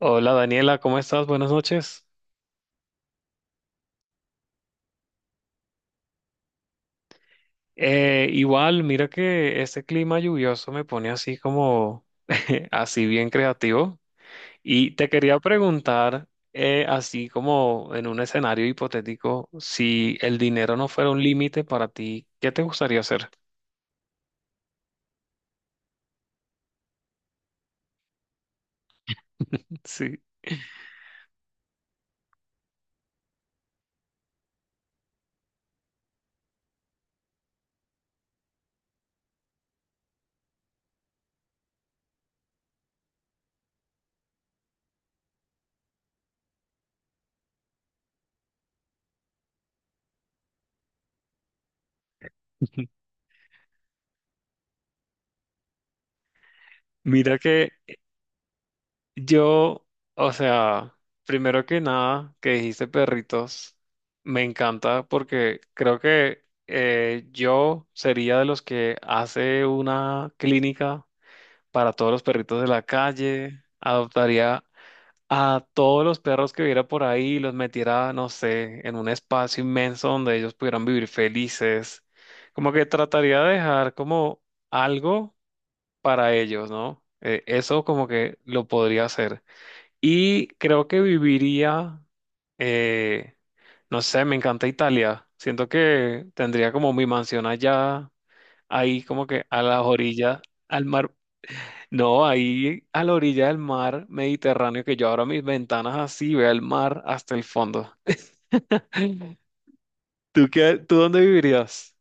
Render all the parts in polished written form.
Hola Daniela, ¿cómo estás? Buenas noches. Igual, mira que este clima lluvioso me pone así como, así bien creativo. Y te quería preguntar, así como en un escenario hipotético, si el dinero no fuera un límite para ti, ¿qué te gustaría hacer? Sí. Mira que yo, o sea, primero que nada, que dijiste perritos, me encanta porque creo que yo sería de los que hace una clínica para todos los perritos de la calle, adoptaría a todos los perros que viera por ahí, y los metiera, no sé, en un espacio inmenso donde ellos pudieran vivir felices. Como que trataría de dejar como algo para ellos, ¿no? Eso como que lo podría hacer. Y creo que viviría, eh, no sé, me encanta Italia. Siento que tendría como mi mansión allá, ahí como que a las orillas, al mar. No, ahí a la orilla del mar Mediterráneo, que yo abra mis ventanas así, vea el mar hasta el fondo. ¿Tú qué, tú dónde vivirías?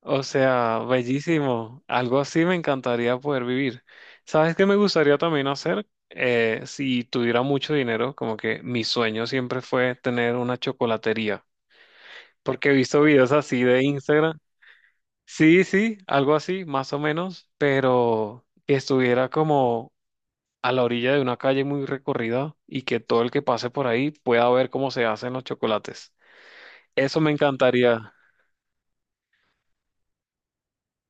O sea, bellísimo. Algo así me encantaría poder vivir. ¿Sabes qué me gustaría también hacer? Si tuviera mucho dinero, como que mi sueño siempre fue tener una chocolatería, porque he visto videos así de Instagram. Sí, sí, algo así, más o menos, pero que estuviera como a la orilla de una calle muy recorrida y que todo el que pase por ahí pueda ver cómo se hacen los chocolates. Eso me encantaría.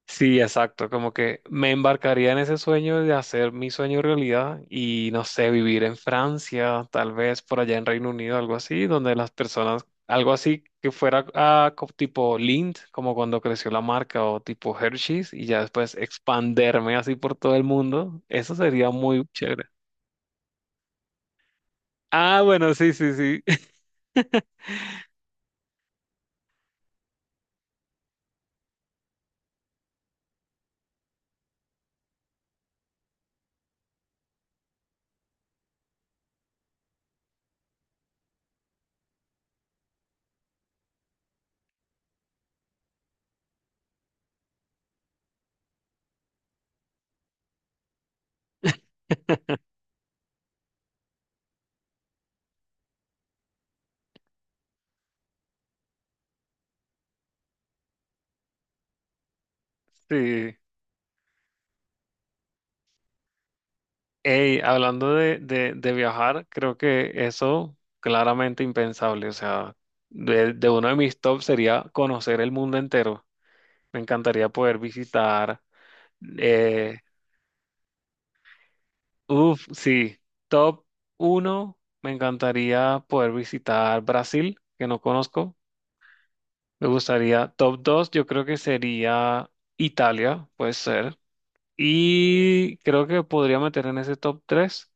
Sí, exacto, como que me embarcaría en ese sueño de hacer mi sueño realidad y no sé, vivir en Francia, tal vez por allá en Reino Unido, algo así, donde las personas, algo así que fuera ah, tipo Lind, como cuando creció la marca o tipo Hershey's y ya después expanderme así por todo el mundo, eso sería muy chévere. Ah, bueno, sí, sí, sí, sí. Ey, hablando de viajar, creo que eso claramente impensable. O sea, de uno de mis tops sería conocer el mundo entero. Me encantaría poder visitar. Eh, Uf, sí, top uno, me encantaría poder visitar Brasil, que no conozco. Me gustaría, top dos, yo creo que sería Italia, puede ser. Y creo que podría meter en ese top tres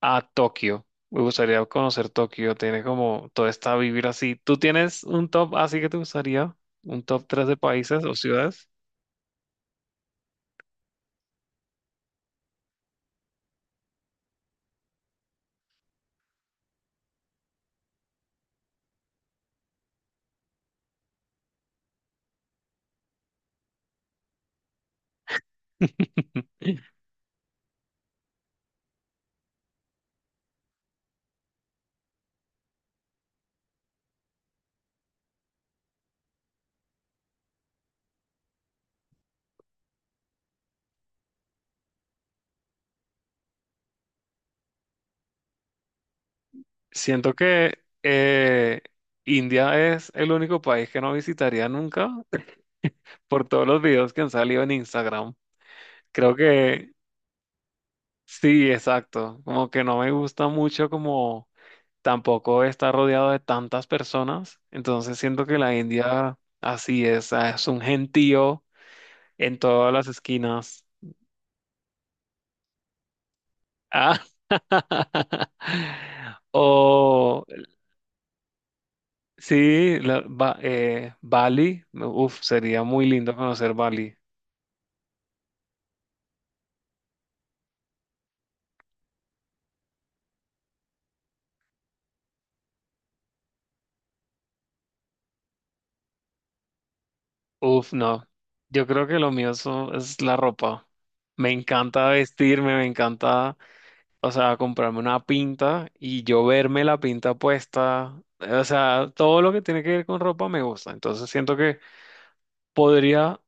a Tokio. Me gustaría conocer Tokio. Tiene como toda esta vivir así. ¿Tú tienes un top así que te gustaría? ¿Un top 3 de países o ciudades? Siento que India es el único país que no visitaría nunca por todos los videos que han salido en Instagram. Creo que sí, exacto. Como que no me gusta mucho como tampoco estar rodeado de tantas personas. Entonces siento que la India así es, ah, es un gentío en todas las esquinas. Ah, o sí, Bali, uf, sería muy lindo conocer Bali. Uf, no. Yo creo que lo es la ropa. Me encanta vestirme, me encanta, o sea, comprarme una pinta y yo verme la pinta puesta. O sea, todo lo que tiene que ver con ropa me gusta. Entonces siento que podría.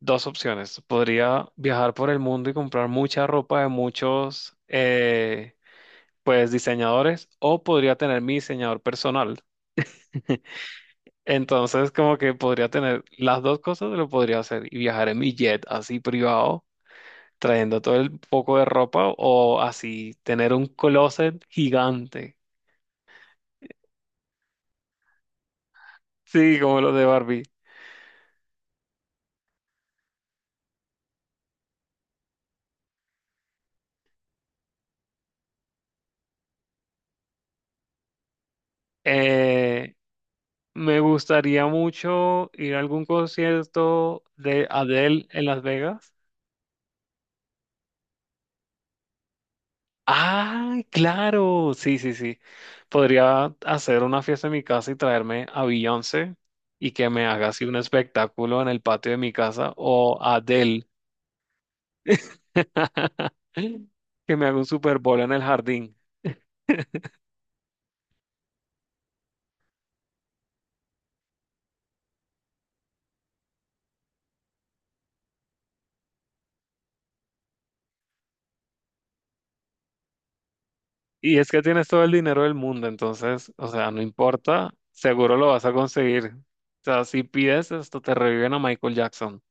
Dos opciones. Podría viajar por el mundo y comprar mucha ropa de muchos, pues, diseñadores, o podría tener mi diseñador personal. Entonces, como que podría tener las dos cosas, lo podría hacer y viajar en mi jet así privado, trayendo todo el poco de ropa, o así tener un closet gigante, sí, como los de Barbie. Eh, Me gustaría mucho ir a algún concierto de Adele en Las Vegas. Ah, claro, sí, sí, sí. Podría hacer una fiesta en mi casa y traerme a Beyoncé y que me haga así un espectáculo en el patio de mi casa o a Adele que me haga un Super Bowl en el jardín. Y es que tienes todo el dinero del mundo, entonces, o sea, no importa, seguro lo vas a conseguir. O sea, si pides esto, te reviven a Michael Jackson.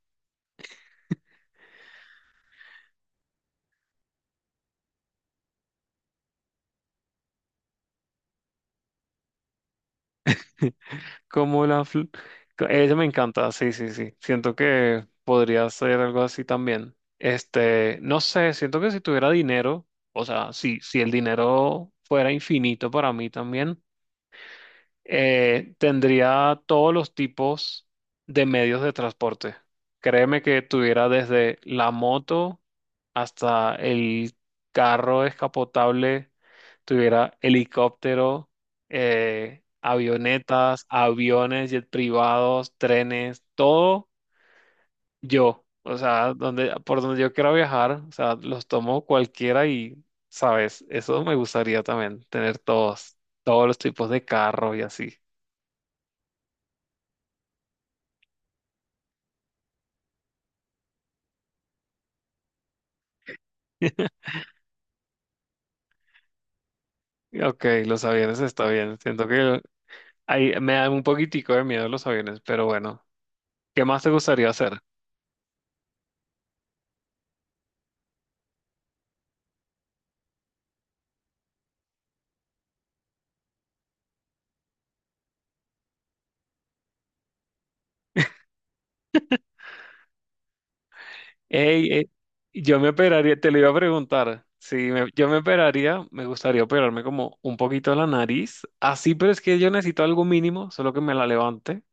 Como la... Ella me encanta, sí, sí, sí. Siento que podría ser algo así también. Este, no sé, siento que si tuviera dinero, o sea, si el dinero fuera infinito para mí también, tendría todos los tipos de medios de transporte. Créeme que tuviera desde la moto hasta el carro descapotable, tuviera helicóptero, avionetas, aviones, jet privados, trenes, todo yo. O sea, donde, por donde yo quiera viajar, o sea, los tomo cualquiera y, sabes, eso me gustaría también, tener todos, todos los tipos de carro y así. Ok, los aviones está bien. Siento que ahí me da un poquitico de miedo los aviones, pero bueno, ¿qué más te gustaría hacer? Ey, eh, yo me operaría, te lo iba a preguntar. Si me- Yo me operaría, me gustaría operarme como un poquito la nariz. Así, pero es que yo necesito algo mínimo, solo que me la levante.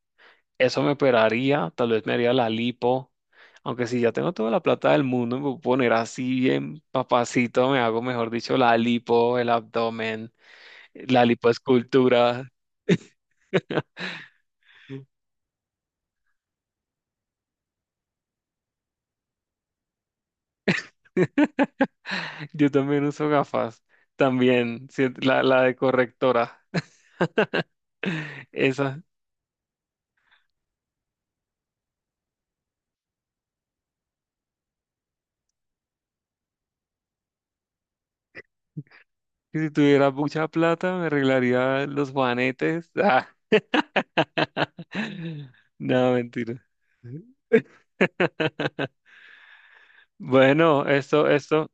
Eso me operaría, tal vez me haría la lipo. Aunque si ya tengo toda la plata del mundo, me voy a poner así bien papacito, me hago, mejor dicho, la lipo, el abdomen, la lipoescultura. Yo también uso gafas. También, sí, la de correctora. Esa. Que si tuviera mucha plata me arreglaría los juanetes. Ah. No, mentira. Bueno,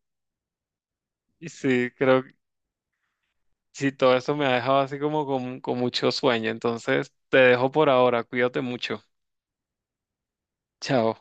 y sí, creo que sí, todo esto me ha dejado así como con mucho sueño. Entonces, te dejo por ahora. Cuídate mucho. Chao.